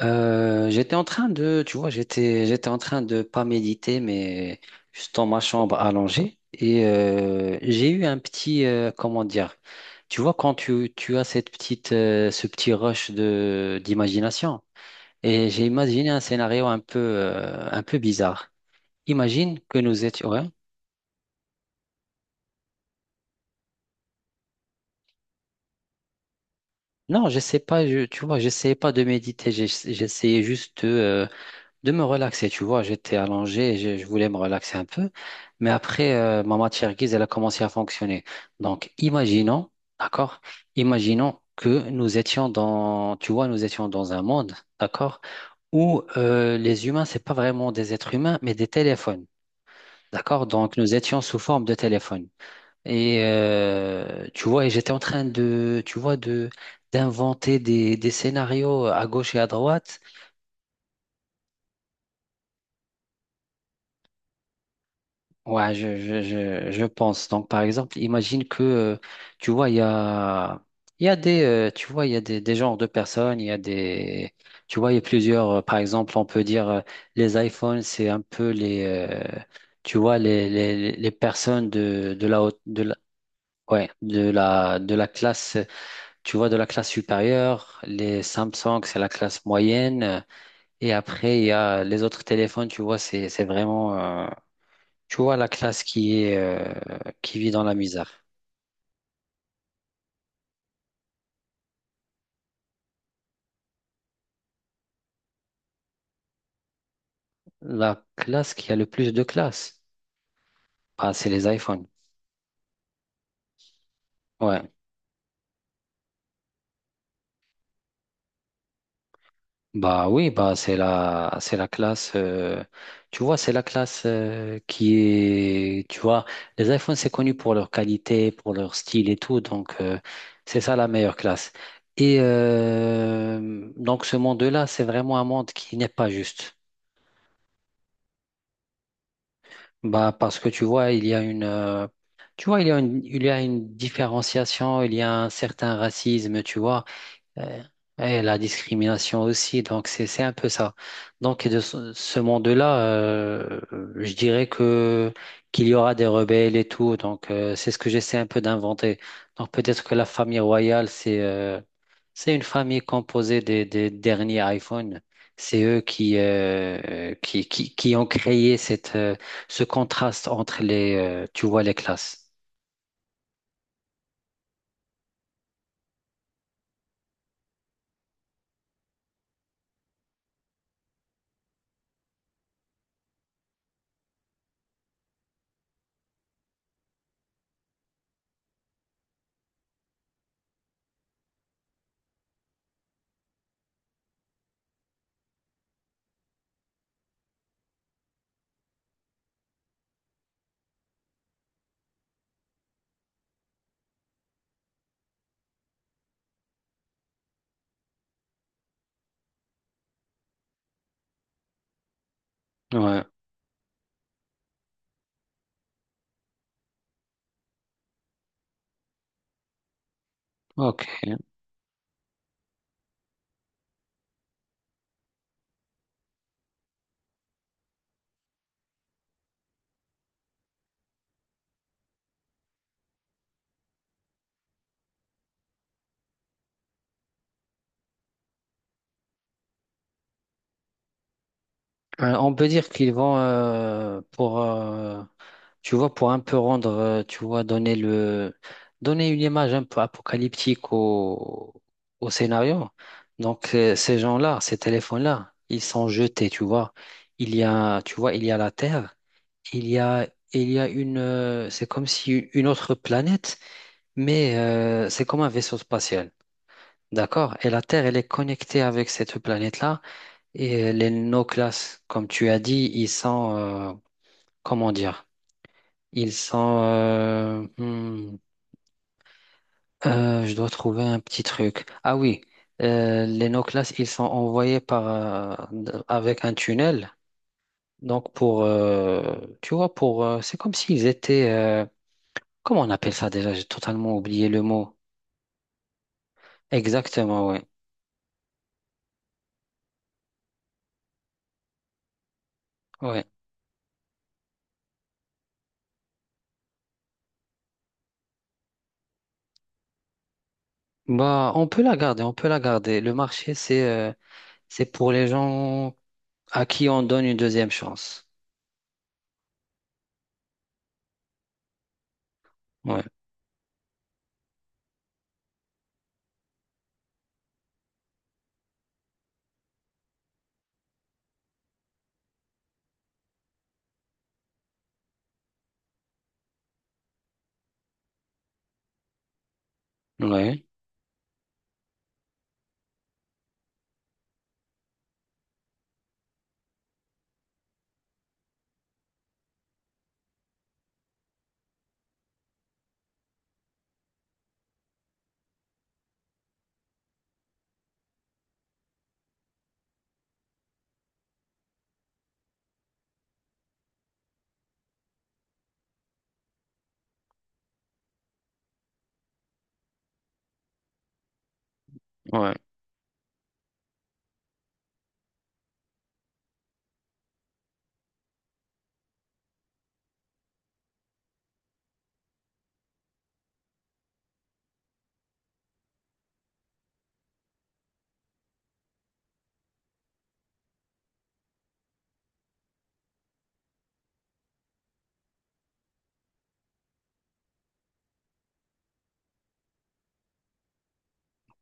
J'étais en train de, j'étais en train de pas méditer, mais juste dans ma chambre allongée. Et j'ai eu un petit, comment dire, tu vois, quand tu as cette petite, ce petit rush d'imagination, et j'ai imaginé un scénario un peu bizarre. Imagine que nous étions, ouais. Non, je sais pas, tu vois, j'essayais pas de méditer, j'essayais juste de me relaxer, tu vois, j'étais allongé, et je voulais me relaxer un peu, mais après, ma matière grise, elle a commencé à fonctionner. Donc, imaginons, d'accord, imaginons que nous étions dans, tu vois, nous étions dans un monde, d'accord, où les humains, c'est pas vraiment des êtres humains, mais des téléphones, d'accord, donc nous étions sous forme de téléphone. Et tu vois, et j'étais en train de, tu vois, de d'inventer des scénarios à gauche et à droite. Ouais, je pense. Donc, par exemple, imagine que, tu vois, il y a des, tu vois, il y a des genres de personnes, il y a des, tu vois, il y a plusieurs, par exemple, on peut dire, les iPhones, c'est un peu les, tu vois, les personnes de la haute, de la, ouais, de la classe, tu vois, de la classe supérieure, les Samsung, c'est la classe moyenne, et après, il y a les autres téléphones, tu vois, c'est vraiment, tu vois, la classe qui est, qui vit dans la misère. La classe qui a le plus de classes, bah, c'est les iPhones. Ouais. Bah oui, bah c'est la classe tu vois, c'est la classe qui est, tu vois, les iPhones c'est connu pour leur qualité, pour leur style et tout, donc c'est ça la meilleure classe. Et donc ce monde-là, c'est vraiment un monde qui n'est pas juste. Bah, parce que tu vois, il y a une, tu vois, il y a une, il y a une différenciation, il y a un certain racisme, tu vois. Euh, Et la discrimination aussi, donc c'est un peu ça. Donc de ce monde-là, je dirais que qu'il y aura des rebelles et tout, donc c'est ce que j'essaie un peu d'inventer. Donc peut-être que la famille royale, c'est une famille composée des derniers iPhones. C'est eux qui, qui ont créé cette, ce contraste entre les, tu vois, les classes. Ouais, ok. On peut dire qu'ils vont pour tu vois pour un peu rendre tu vois donner le donner une image un peu apocalyptique au au scénario. Donc ces gens-là, ces téléphones-là, ils sont jetés, tu vois. Il y a tu vois, il y a la Terre, il y a il y a une c'est comme si une autre planète, mais c'est comme un vaisseau spatial. D'accord? Et la Terre, elle est connectée avec cette planète-là. Et les no class, comme tu as dit, ils sont, comment dire, ils sont, je dois trouver un petit truc. Ah oui, les no class, ils sont envoyés par, avec un tunnel. Donc pour, tu vois, pour, c'est comme s'ils étaient, comment on appelle ça déjà? J'ai totalement oublié le mot. Exactement, ouais. Bah, on peut la garder, on peut la garder. Le marché, c'est pour les gens à qui on donne une deuxième chance. Ouais. Ouais, ouais,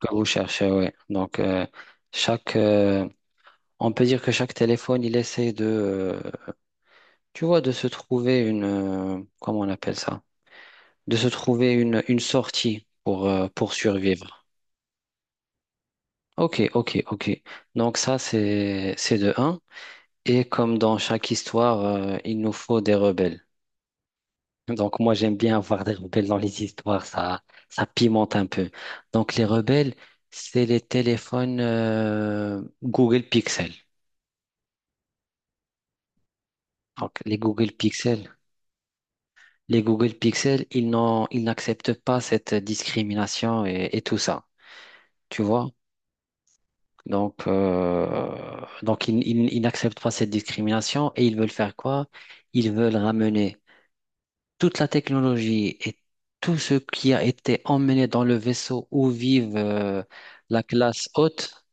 que vous cherchez, ouais. Donc, chaque, euh, on peut dire que chaque téléphone, il essaie de, tu vois, de se trouver une, comment on appelle ça? De se trouver une sortie pour survivre. Ok, ok, ok. Donc ça, c'est de un. Et comme dans chaque histoire, il nous faut des rebelles. Donc moi j'aime bien avoir des rebelles dans les histoires, ça pimente un peu. Donc les rebelles, c'est les téléphones Google Pixel. Donc les Google Pixel, ils n'acceptent pas cette discrimination et tout ça, tu vois? Donc ils n'acceptent pas cette discrimination et ils veulent faire quoi? Ils veulent ramener toute la technologie et tout ce qui a été emmené dans le vaisseau où vivent la classe haute,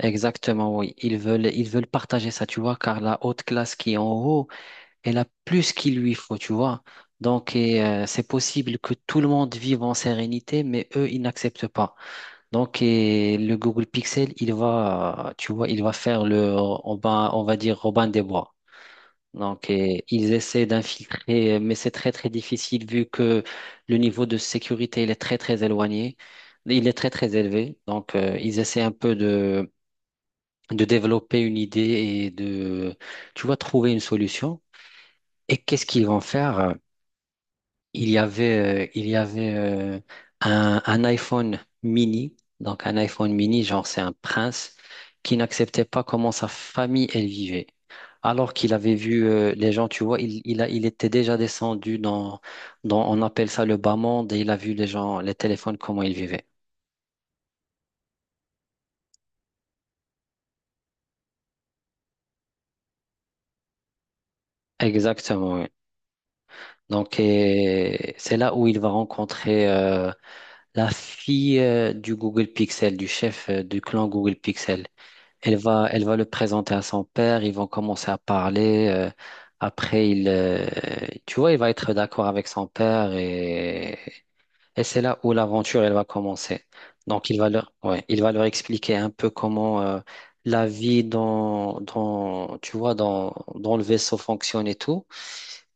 exactement, oui, ils veulent partager ça, tu vois, car la haute classe qui est en haut, elle a plus qu'il lui faut, tu vois. Donc, c'est possible que tout le monde vive en sérénité, mais eux, ils n'acceptent pas. Donc, et le Google Pixel, il va, tu vois, il va faire le, on va dire Robin des Bois. Donc, ils essaient d'infiltrer, mais c'est très, très difficile vu que le niveau de sécurité, il est très, très éloigné. Il est très, très élevé. Donc, ils essaient un peu de développer une idée et de, tu vois, trouver une solution. Et qu'est-ce qu'ils vont faire? Il y avait, un iPhone mini, donc un iPhone mini, genre c'est un prince, qui n'acceptait pas comment sa famille elle vivait. Alors qu'il avait vu les gens, tu vois, il était déjà descendu dans, dans, on appelle ça le bas monde, et il a vu les gens, les téléphones, comment ils vivaient. Exactement, oui. Donc, et c'est là où il va rencontrer la fille du Google Pixel, du chef du clan Google Pixel. Elle va le présenter à son père, ils vont commencer à parler. Après, il, euh, tu vois, il va être d'accord avec son père et c'est là où l'aventure, elle va commencer. Donc, il va leur, ouais, il va leur expliquer un peu comment la vie dans, dans, tu vois, dans, dans le vaisseau fonctionne et tout.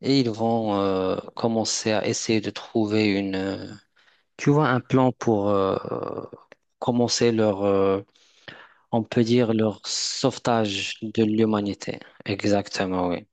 Et ils vont commencer à essayer de trouver une, tu vois, un plan pour commencer leur, on peut dire leur sauvetage de l'humanité. Exactement, oui.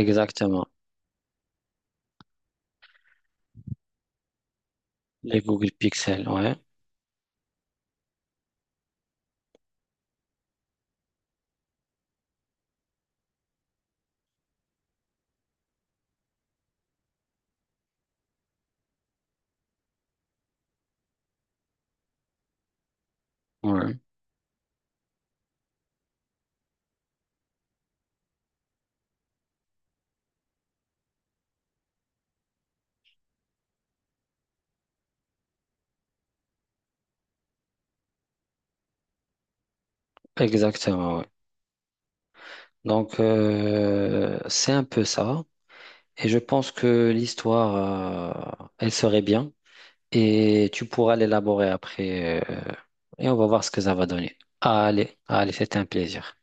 Exactement. Les Google Pixel, ouais. Ouais. Exactement, oui. Donc, c'est un peu ça. Et je pense que l'histoire, elle serait bien. Et tu pourras l'élaborer après et on va voir ce que ça va donner. Allez, allez, c'était un plaisir.